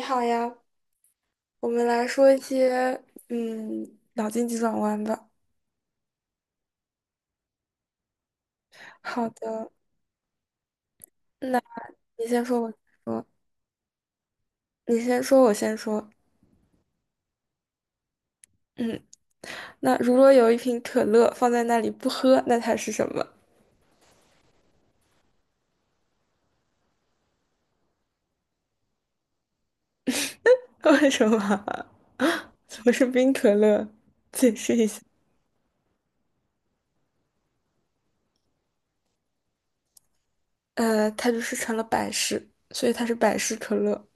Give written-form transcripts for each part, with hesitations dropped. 你好呀，我们来说一些脑筋急转弯吧。好的，那你先说，我先说，你先说，我先说。嗯，那如果有一瓶可乐放在那里不喝，那它是什么？为什么啊？怎么是冰可乐？解释一下。它就是成了百事，所以它是百事可乐。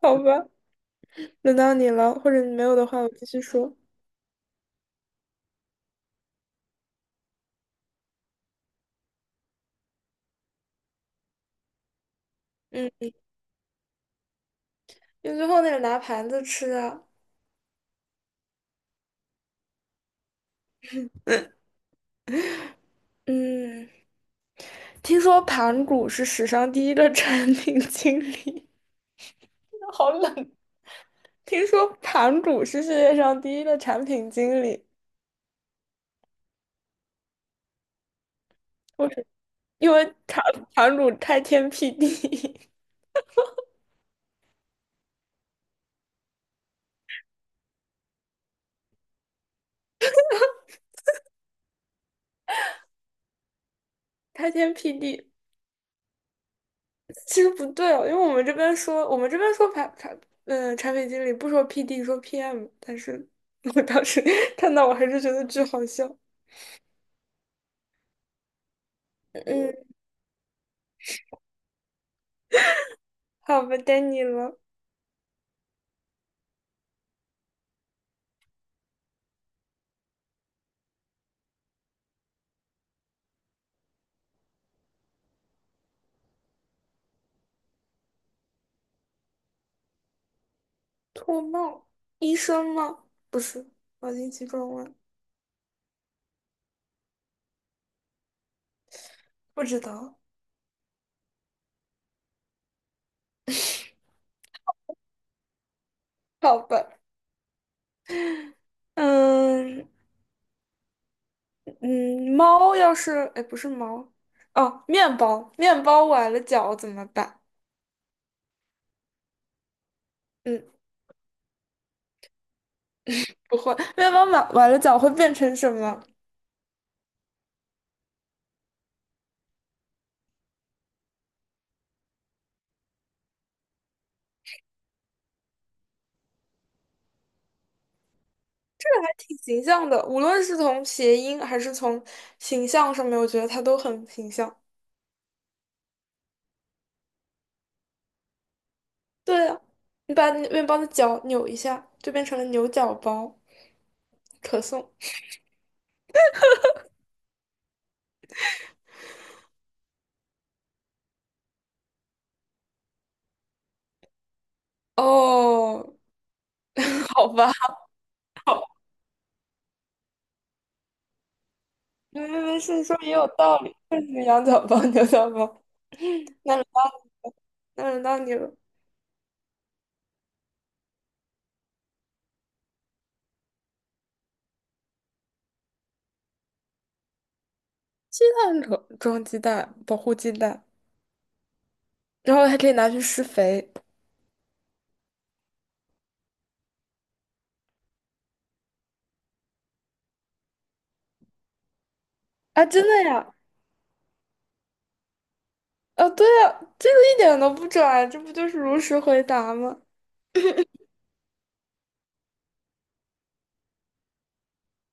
好吧，轮到你了，或者你没有的话，我继续说。嗯，因为最后那个拿盘子吃啊。嗯。嗯听说盘古是史上第一个 产品经理，好冷。听说盘古是世界上第一个产品经理，为什么？因为盘古开天辟地，开天辟地。其实不对哦，因为我们这边说,产品经理不说 PD,说 PM。但是我当时 看到，我还是觉得巨好笑。嗯，好吧，该你了。脱帽，医生吗？不是，脑筋急转弯，不知道。好吧，嗯嗯，猫要是，哎，不是猫，哦，面包，面包崴了脚怎么办？嗯，不会，面包崴了脚会变成什么？还挺形象的，无论是从谐音还是从形象上面，我觉得它都很形象。对啊，你把那面包的脚扭一下，就变成了牛角包，可颂。哦，好吧，没事，说也有道理，就是羊角包，牛角包。那轮到那轮到你了。鸡蛋装鸡蛋，保护鸡蛋，然后还可以拿去施肥啊！真的呀？啊，对呀，这个一点都不拽，这不就是如实回答吗？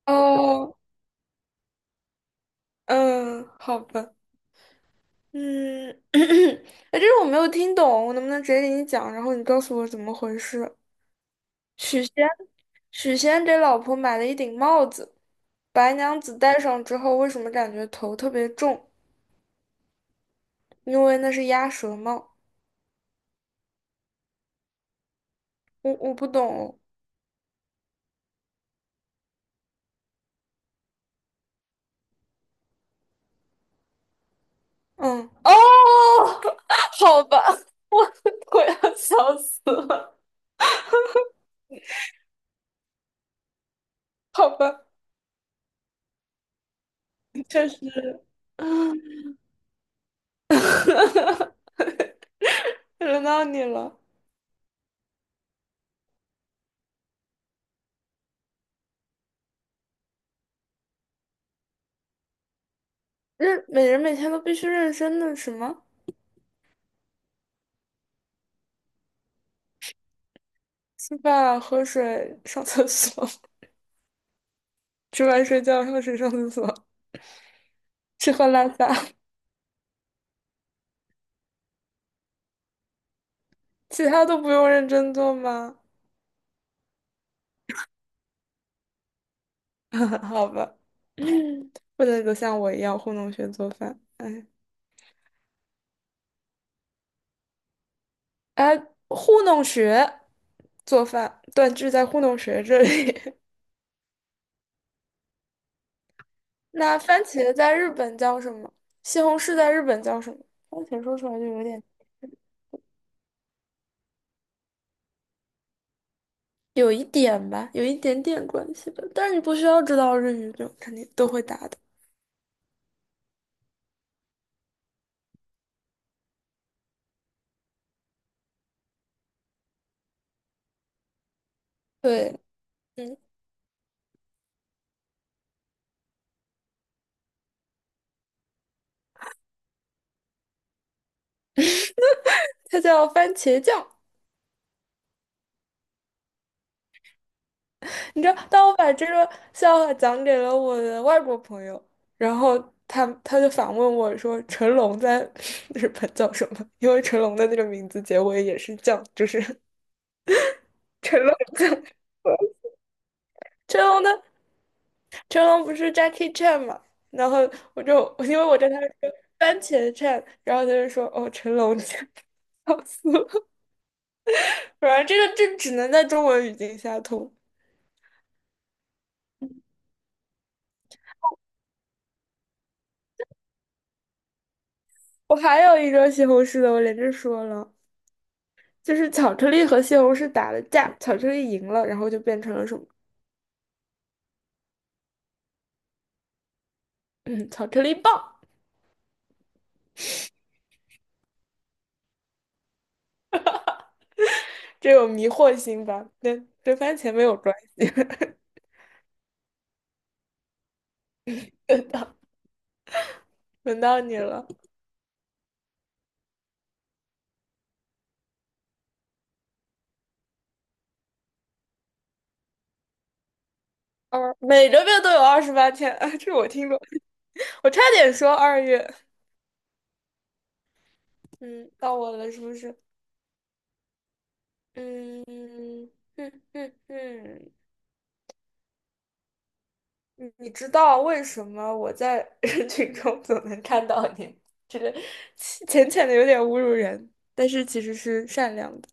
哦，嗯，好吧，嗯，哎，这个我没有听懂，我能不能直接给你讲？然后你告诉我怎么回事？许仙，许仙给老婆买了一顶帽子，白娘子戴上之后，为什么感觉头特别重？因为那是鸭舌帽。我不懂哦。嗯，哦，好吧，我我要笑死了，好吧，确实。轮到你了。每人每天都必须认真的什么？吃饭、喝水、上厕所，吃饭、睡觉、喝水、上厕所，吃喝拉撒。其他都不用认真做吗？好吧，不能够像我一样糊弄学做饭。哎,糊弄学做饭，断句在糊弄学这里。那番茄在日本叫什么？西红柿在日本叫什么？番茄说出来就有点，有一点吧，有一点点关系吧。但是你不需要知道日语，就肯定都会答的。对，嗯，它叫番茄酱。你知道，当我把这个笑话讲给了我的外国朋友，然后他就反问我说："成龙在 日本叫什么？"因为成龙的那个名字结尾也是酱，就是 成龙。成龙的成龙不是 Jackie Chan 嘛，然后我因为我跟他说番茄 Chan,然后他就说哦成龙 c 笑死我！反正这只能在中文语境下通。我还有一个西红柿的，我连着说了，就是巧克力和西红柿打了架，巧克力赢了，然后就变成了什么？嗯，巧克力棒。这有迷惑性吧？跟番茄没有关系。轮到你了。每个月都有28天啊，这我听过，我差点说2月。嗯，到我了，是不是？嗯哼哼哼，你知道为什么我在 人群中总能看到你？这个浅浅的有点侮辱人，但是其实是善良的。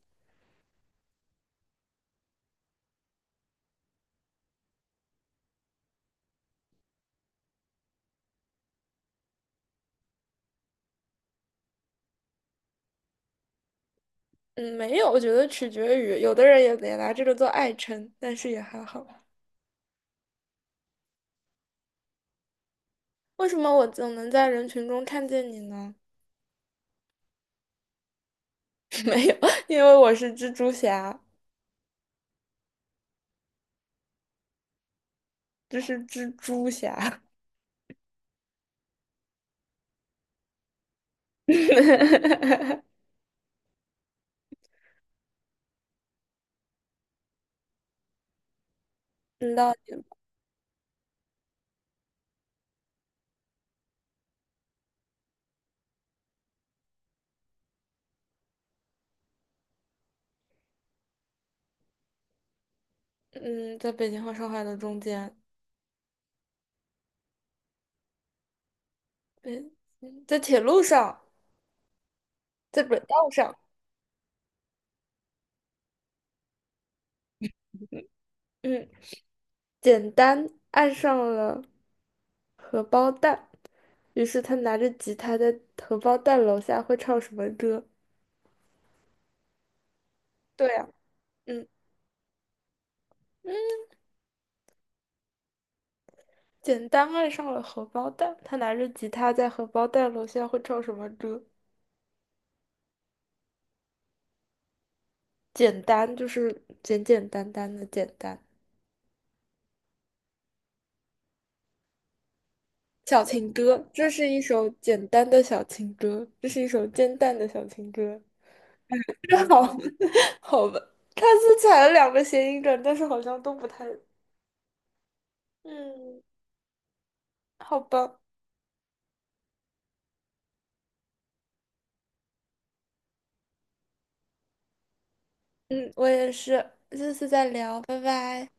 嗯，没有，我觉得取决于有的人也拿这个做爱称，但是也还好。为什么我总能在人群中看见你呢？没有，因为我是蜘蛛侠，这是蜘蛛侠。嗯，到嗯，在北京和上海的中间。嗯，在铁路上，在轨道上，嗯，简单爱上了荷包蛋，于是他拿着吉他在荷包蛋楼下会唱什么歌？对呀，嗯，简单爱上了荷包蛋，他拿着吉他在荷包蛋楼下会唱什么歌？简单就是简简单单的简单。小情歌，这是一首简单的小情歌，这是一首煎蛋的小情歌。好，好吧，他是踩了2个谐音梗，但是好像都不太。嗯，好吧，嗯，我也是，下次再聊，拜拜。